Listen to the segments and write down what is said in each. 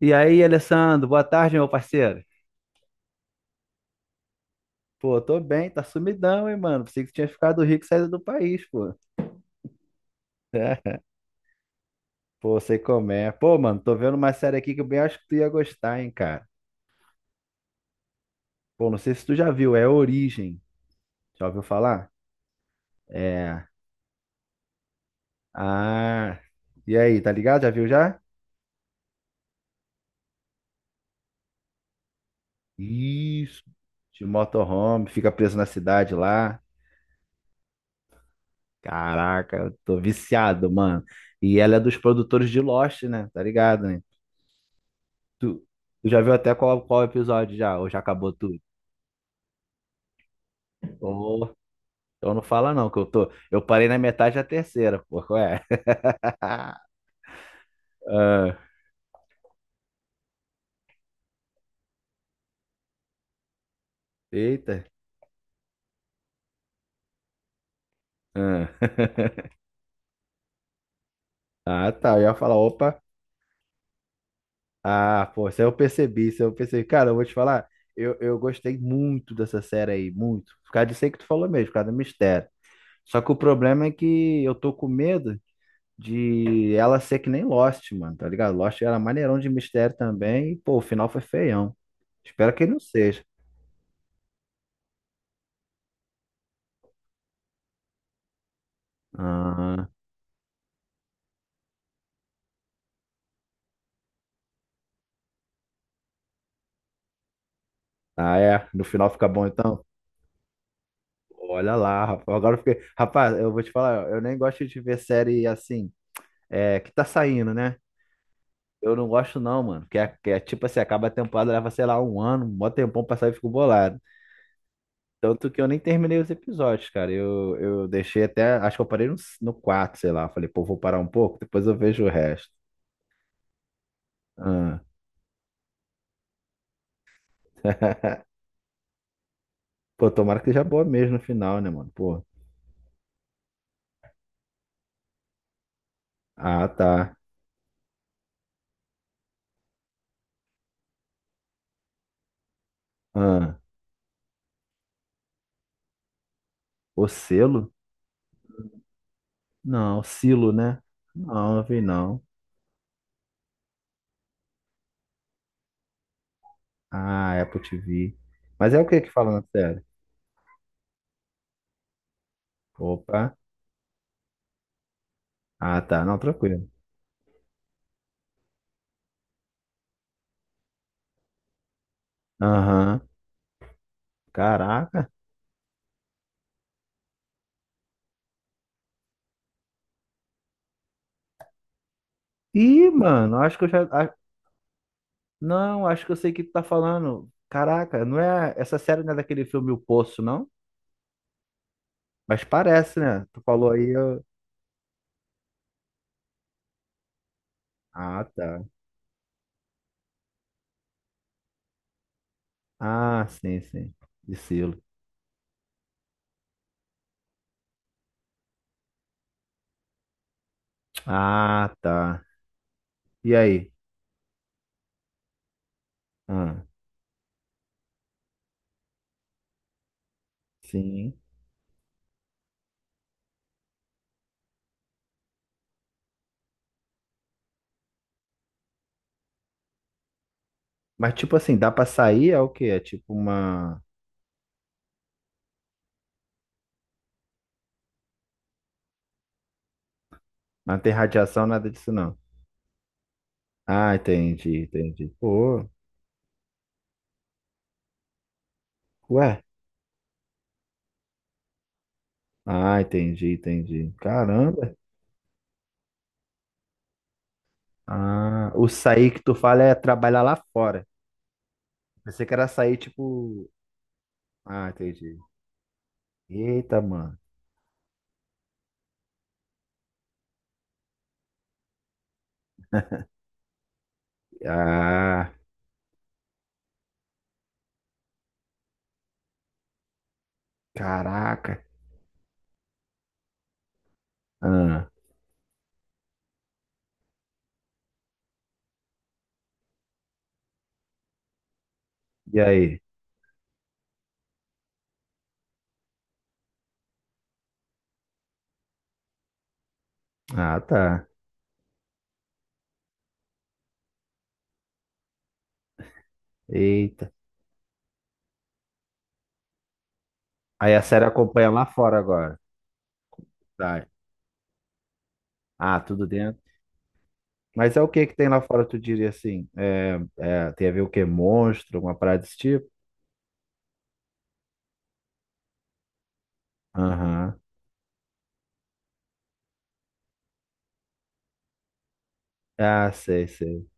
E aí, Alessandro, boa tarde, meu parceiro. Pô, tô bem, tá sumidão, hein, mano. Pensei que tinha ficado rico e saído do país, pô. É, pô, sei como é. Pô, mano, tô vendo uma série aqui que eu bem acho que tu ia gostar, hein, cara. Pô, não sei se tu já viu, é Origem. Já ouviu falar? É. Ah. E aí, tá ligado? Já viu já? Isso. De motorhome, fica preso na cidade lá. Caraca, eu tô viciado, mano. E ela é dos produtores de Lost, né? Tá ligado, né? Tu, tu já viu até qual episódio já? Ou já acabou tudo? Ou, então não fala não, que eu tô. Eu parei na metade da terceira, pô. Qual é? Ah, eita. Ah. Ah, tá. Eu ia falar, opa. Ah, pô, isso aí eu percebi, isso aí eu percebi. Cara, eu vou te falar, eu gostei muito dessa série aí, muito. Por causa disso aí que tu falou mesmo, por causa do mistério. Só que o problema é que eu tô com medo de ela ser que nem Lost, mano, tá ligado? Lost era maneirão de mistério também, e, pô, o final foi feião. Espero que ele não seja. Ah, ah, é. No final fica bom, então? Olha lá, rapaz. Agora eu fiquei. Rapaz, eu vou te falar, eu nem gosto de ver série assim, é, que tá saindo, né? Eu não gosto, não, mano. Que é tipo assim, acaba a temporada, leva, sei lá, um ano, um mó tempão pra sair e fico bolado. Tanto que eu nem terminei os episódios, cara. Eu deixei até. Acho que eu parei no, no 4, sei lá. Falei, pô, vou parar um pouco, depois eu vejo o resto. Ah. Pô, tomara que seja boa mesmo no final, né, mano? Pô. Ah, tá. Ah. O selo? Não, silo, né? Não, não vi não. Ah, é Apple TV. Mas é o que que fala na série? Opa. Ah, tá. Não, tranquilo. Aham. Caraca. Ih, mano, acho que eu já. Ah, não, acho que eu sei o que tu tá falando. Caraca, não é. Essa série não é daquele filme O Poço, não? Mas parece, né? Tu falou aí. Eu- Ah, tá. Ah, sim, sim. De selo. Ah, tá. E aí? Ah, sim. Mas tipo assim, dá pra sair? É o quê? É tipo uma. Não tem radiação, nada disso não. Ah, entendi, entendi. Pô, ué. Ah, entendi, entendi. Caramba. Ah, o sair que tu fala é trabalhar lá fora. Pensei que era sair tipo. Ah, entendi. Eita, mano. Ah, caraca. Ah, e aí? Ah, tá. Eita. Aí a série acompanha lá fora agora. Tá. Ah, tudo dentro. Mas é o que que tem lá fora, tu diria assim? É, é, tem a ver o quê? Monstro, alguma parada desse tipo? Aham. Ah, sei, sei.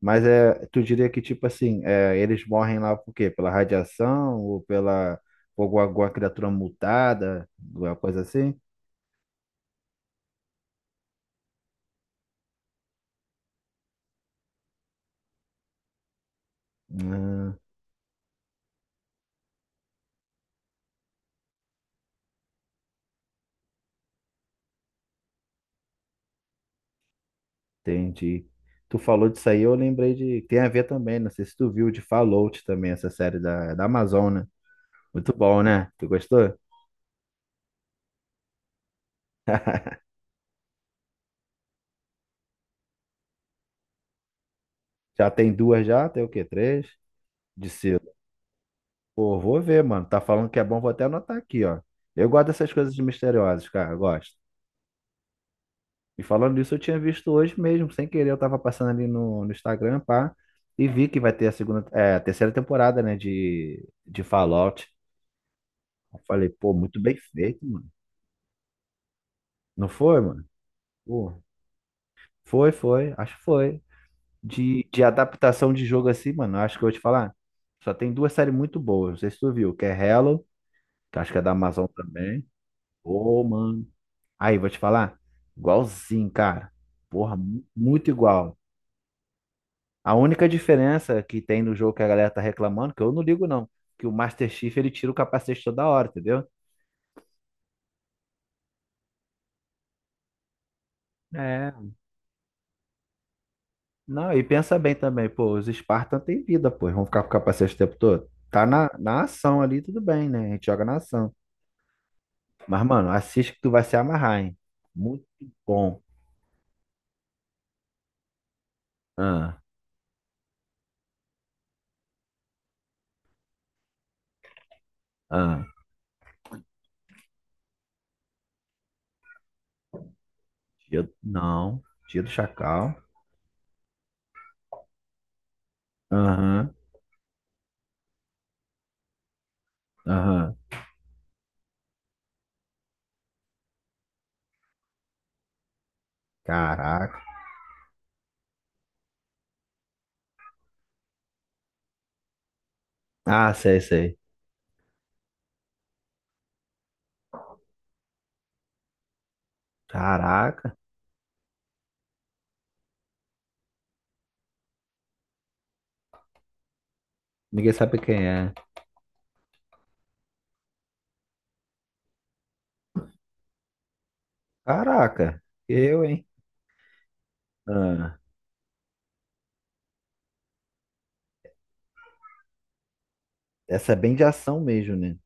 Mas é, tu diria que, tipo assim, é, eles morrem lá por quê? Pela radiação ou pela por alguma, alguma criatura mutada, alguma coisa assim? Ah, entendi. Tu falou disso aí, eu lembrei de. Tem a ver também, não sei se tu viu de Fallout também, essa série da Amazon, né? Muito bom, né? Tu gostou? Já tem duas já? Tem o quê? Três? De Pô, vou ver, mano. Tá falando que é bom, vou até anotar aqui, ó. Eu gosto dessas coisas de misteriosas, cara, eu gosto. E falando isso eu tinha visto hoje mesmo, sem querer, eu tava passando ali no Instagram, pá, e vi que vai ter a segunda, é, a terceira temporada, né, de Fallout. Eu falei, pô, muito bem feito, mano. Não foi, mano? Pô, foi, acho que foi. De adaptação de jogo assim, mano, acho que eu vou te falar. Só tem duas séries muito boas, não sei se tu viu, que é Hello, que acho que é da Amazon também. Ô, mano. Aí, vou te falar. Igualzinho, cara. Porra, muito igual. A única diferença que tem no jogo que a galera tá reclamando, que eu não ligo não, que o Master Chief ele tira o capacete toda hora, entendeu? É, não, e pensa bem também, pô, os Spartans têm vida, pô, vão ficar com o capacete o tempo todo. Tá na ação ali, tudo bem, né? A gente joga na ação. Mas, mano, assiste que tu vai se amarrar, hein? Muito bom. Ah, ah. Dia, não, dia do Chacal. Aham, aham. Caraca. Ah, sei, sei. Caraca. Ninguém sabe quem é. Caraca. Eu, hein? Ah, essa é bem de ação mesmo, né?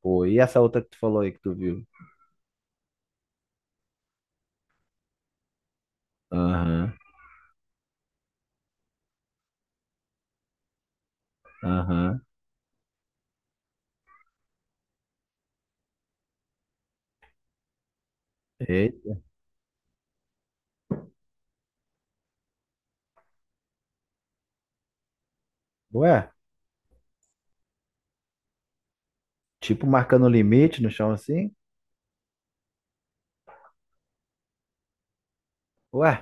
Pô, e essa outra que tu falou aí que tu viu? Aham, aham. Eita. Ué, tipo marcando limite no chão assim? Ué,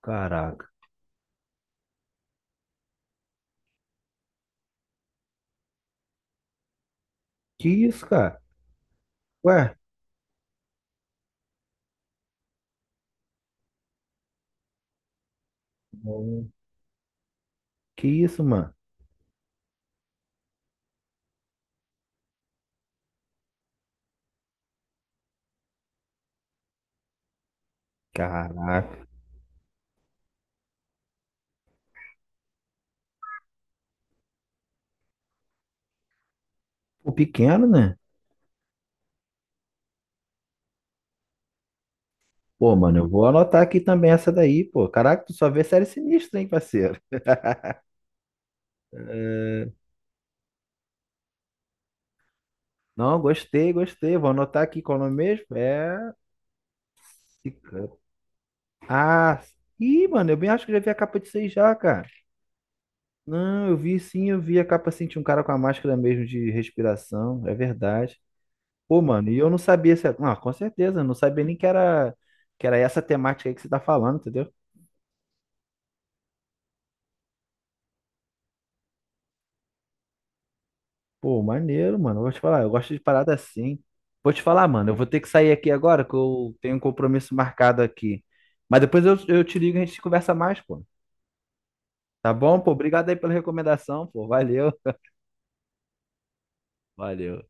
caraca. Que isso, cara? Ué, não. Que isso, mano? Caraca. Pô, pequeno, né? Pô, mano, eu vou anotar aqui também essa daí, pô. Caraca, tu só vê série sinistra, hein, parceiro? É. Não, gostei, gostei. Vou anotar aqui qual é o nome mesmo. É. Cica- Ah, ih, mano, eu bem acho que já vi a capa de seis já, cara. Não, eu vi sim, eu vi a capa assim, tinha um cara com a máscara mesmo de respiração, é verdade. Pô, mano, e eu não sabia se. Não, com certeza, eu não sabia nem que era, que era essa temática aí que você tá falando, entendeu? Pô, maneiro, mano. Eu vou te falar, eu gosto de parada assim. Vou te falar, mano, eu vou ter que sair aqui agora, que eu tenho um compromisso marcado aqui. Mas depois eu te ligo e a gente conversa mais, pô. Tá bom, pô? Obrigado aí pela recomendação, pô. Valeu. Valeu.